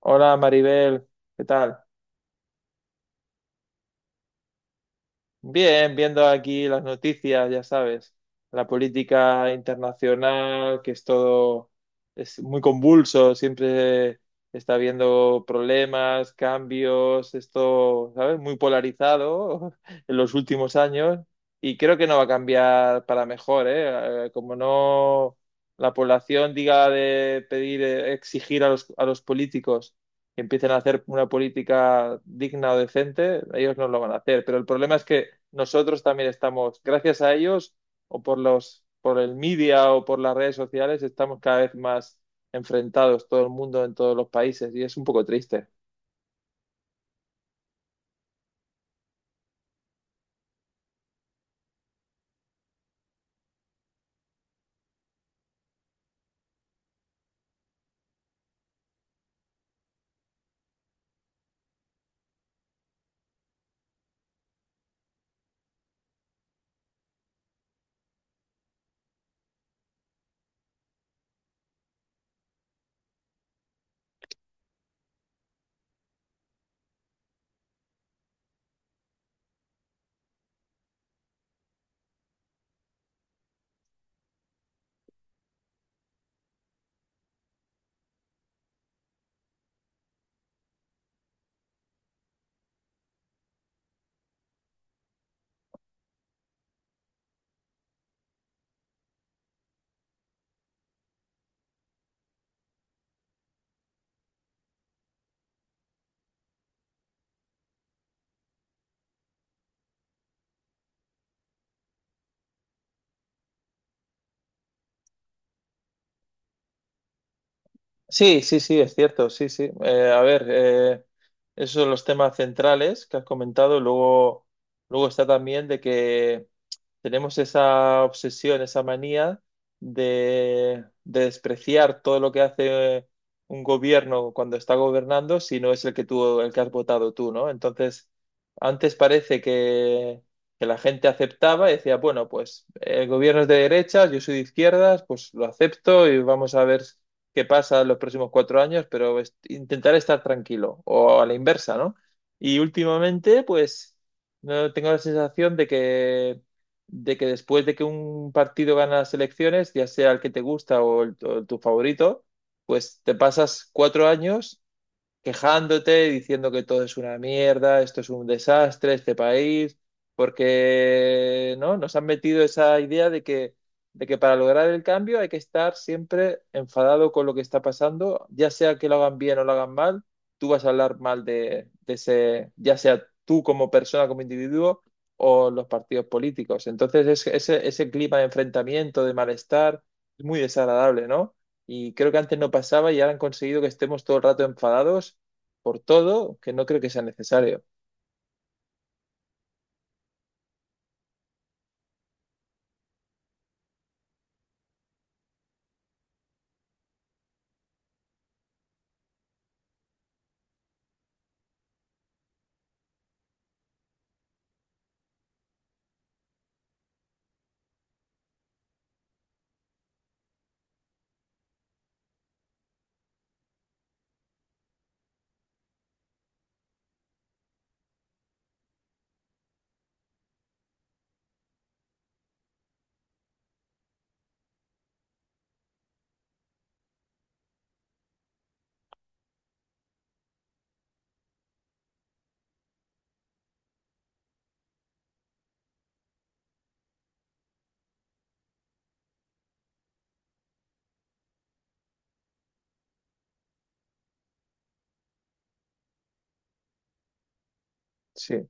Hola Maribel, ¿qué tal? Bien, viendo aquí las noticias, ya sabes, la política internacional, que es todo, es muy convulso, siempre está habiendo problemas, cambios, esto, ¿sabes? Muy polarizado en los últimos años y creo que no va a cambiar para mejor, ¿eh? Como no la población diga de pedir, exigir a los políticos, empiecen a hacer una política digna o decente. Ellos no lo van a hacer, pero el problema es que nosotros también estamos, gracias a ellos, o por el media o por las redes sociales, estamos cada vez más enfrentados, todo el mundo en todos los países, y es un poco triste. Sí, sí, sí, es cierto, sí, sí. A ver, esos son los temas centrales que has comentado. Luego está también de que tenemos esa obsesión, esa manía de despreciar todo lo que hace un gobierno cuando está gobernando si no es el que tú, el que has votado tú, ¿no? Entonces, antes parece que la gente aceptaba y decía: bueno, pues el gobierno es de derechas, yo soy de izquierdas, pues lo acepto y vamos a ver qué pasa en los próximos cuatro años, pero intentar estar tranquilo, o a la inversa, ¿no? Y últimamente, pues... no tengo la sensación de que después de que un partido gana las elecciones, ya sea el que te gusta o o tu favorito, pues te pasas cuatro años quejándote, diciendo que todo es una mierda, esto es un desastre, este país, porque, ¿no?, nos han metido esa idea de que para lograr el cambio hay que estar siempre enfadado con lo que está pasando. Ya sea que lo hagan bien o lo hagan mal, tú vas a hablar mal de ese, ya sea tú como persona, como individuo, o los partidos políticos. Entonces, ese clima de enfrentamiento, de malestar, es muy desagradable, ¿no? Y creo que antes no pasaba y ahora han conseguido que estemos todo el rato enfadados por todo, que no creo que sea necesario. Sí.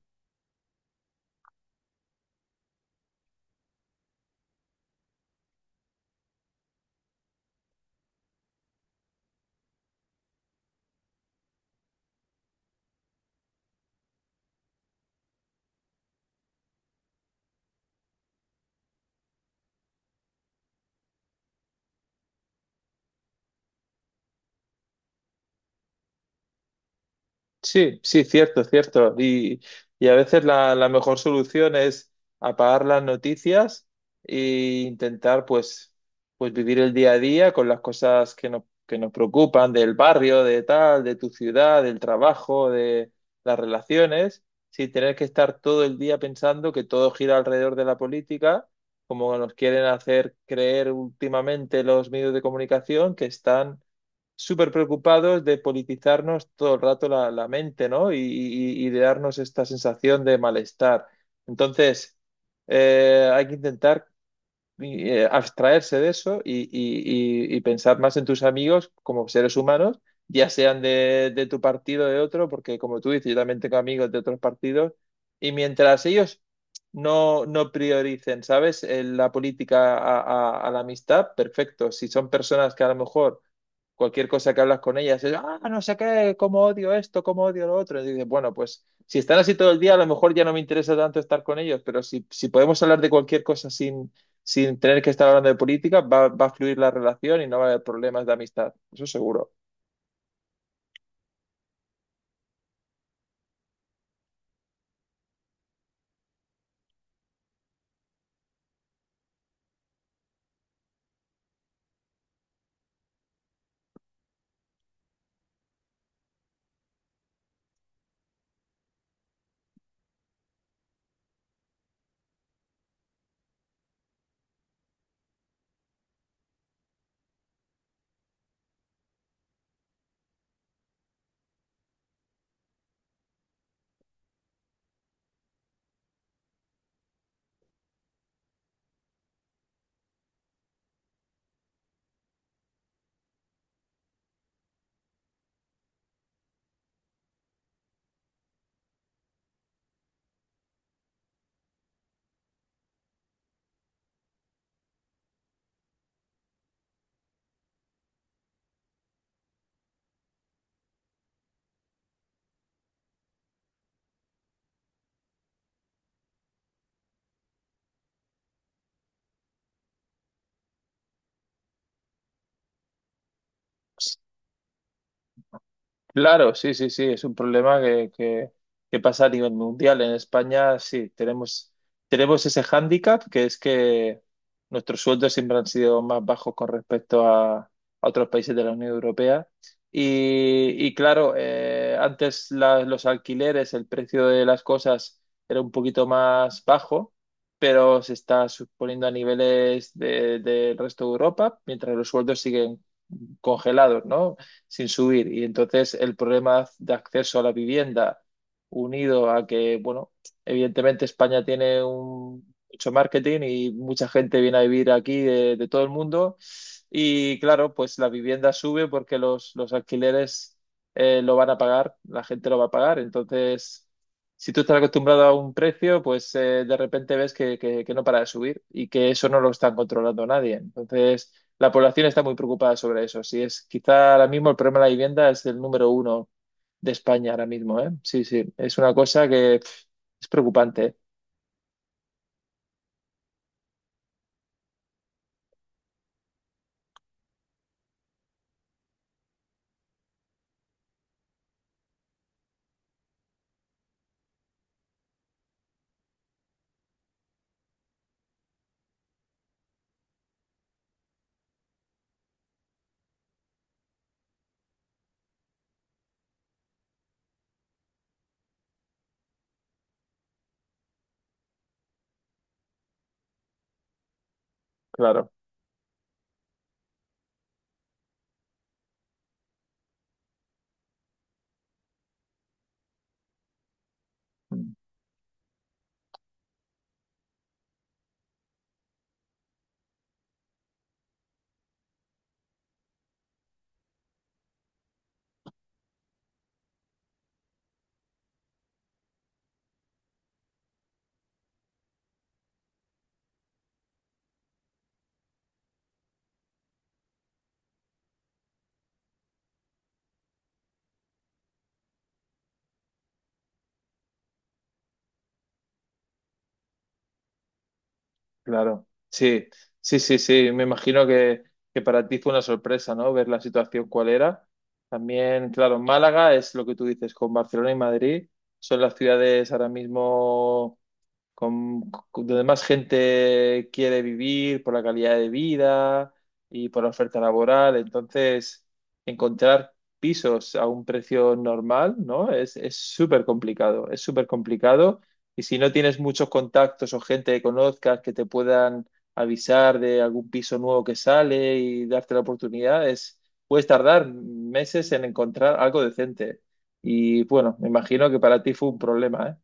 Sí, sí, cierto, cierto. Y a veces la mejor solución es apagar las noticias e intentar, pues, pues vivir el día a día con las cosas que nos preocupan del barrio, de tal, de tu ciudad, del trabajo, de las relaciones, sin tener que estar todo el día pensando que todo gira alrededor de la política, como nos quieren hacer creer últimamente los medios de comunicación, que están súper preocupados de politizarnos todo el rato la mente, ¿no? Y de darnos esta sensación de malestar. Entonces, hay que intentar, abstraerse de eso y pensar más en tus amigos como seres humanos, ya sean de tu partido o de otro, porque como tú dices, yo también tengo amigos de otros partidos, y mientras ellos... no, no prioricen, ¿sabes? La política a la amistad, perfecto. Si son personas que a lo mejor cualquier cosa que hablas con ellas es: ah, no sé qué, cómo odio esto, cómo odio lo otro. Y dices: bueno, pues si están así todo el día, a lo mejor ya no me interesa tanto estar con ellos. Pero si, si podemos hablar de cualquier cosa sin, sin tener que estar hablando de política, va a fluir la relación y no va a haber problemas de amistad, eso seguro. Claro, sí, sí, sí, es un problema que pasa a nivel mundial. En España sí, tenemos, tenemos ese hándicap que es que nuestros sueldos siempre han sido más bajos con respecto a otros países de la Unión Europea. Y claro, antes los alquileres, el precio de las cosas era un poquito más bajo, pero se está suponiendo a niveles del resto de Europa, mientras los sueldos siguen congelados, ¿no? Sin subir. Y entonces el problema de acceso a la vivienda, unido a que, bueno, evidentemente España tiene un, mucho marketing y mucha gente viene a vivir aquí de todo el mundo. Y claro, pues la vivienda sube porque los alquileres lo van a pagar, la gente lo va a pagar. Entonces, si tú estás acostumbrado a un precio, pues de repente ves que no para de subir y que eso no lo están controlando nadie. Entonces, la población está muy preocupada sobre eso. Sí, es quizá ahora mismo el problema de la vivienda es el número uno de España ahora mismo, ¿eh? Sí, sí, es una cosa que pf, es preocupante, ¿eh? Claro, mm, claro. Sí, sí, sí, sí. Me imagino que para ti fue una sorpresa, ¿no? Ver la situación cuál era. También, claro, Málaga es lo que tú dices, con Barcelona y Madrid, son las ciudades ahora mismo donde más gente quiere vivir por la calidad de vida y por la oferta laboral. Entonces, encontrar pisos a un precio normal, ¿no? Es súper complicado, es súper complicado. Y si no tienes muchos contactos o gente que conozcas que te puedan avisar de algún piso nuevo que sale y darte la oportunidad, es, puedes tardar meses en encontrar algo decente. Y bueno, me imagino que para ti fue un problema, ¿eh?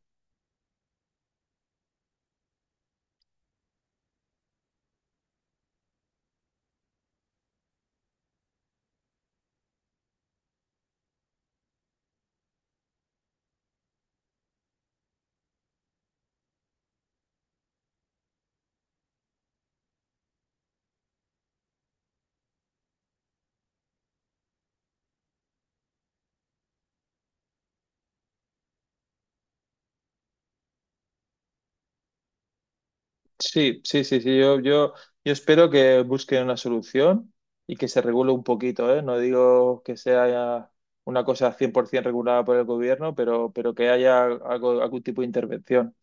Sí, sí, sí, sí. Yo espero que busquen una solución y que se regule un poquito, ¿eh? No digo que sea una cosa 100% regulada por el gobierno, pero que haya algo, algún tipo de intervención.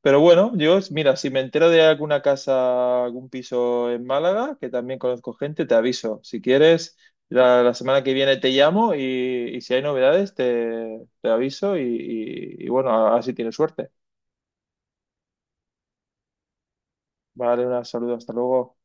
Pero bueno, yo, mira, si me entero de alguna casa, algún piso en Málaga, que también conozco gente, te aviso. Si quieres, la semana que viene te llamo y si hay novedades, te aviso y bueno, así tienes suerte. Vale, un saludo, hasta luego.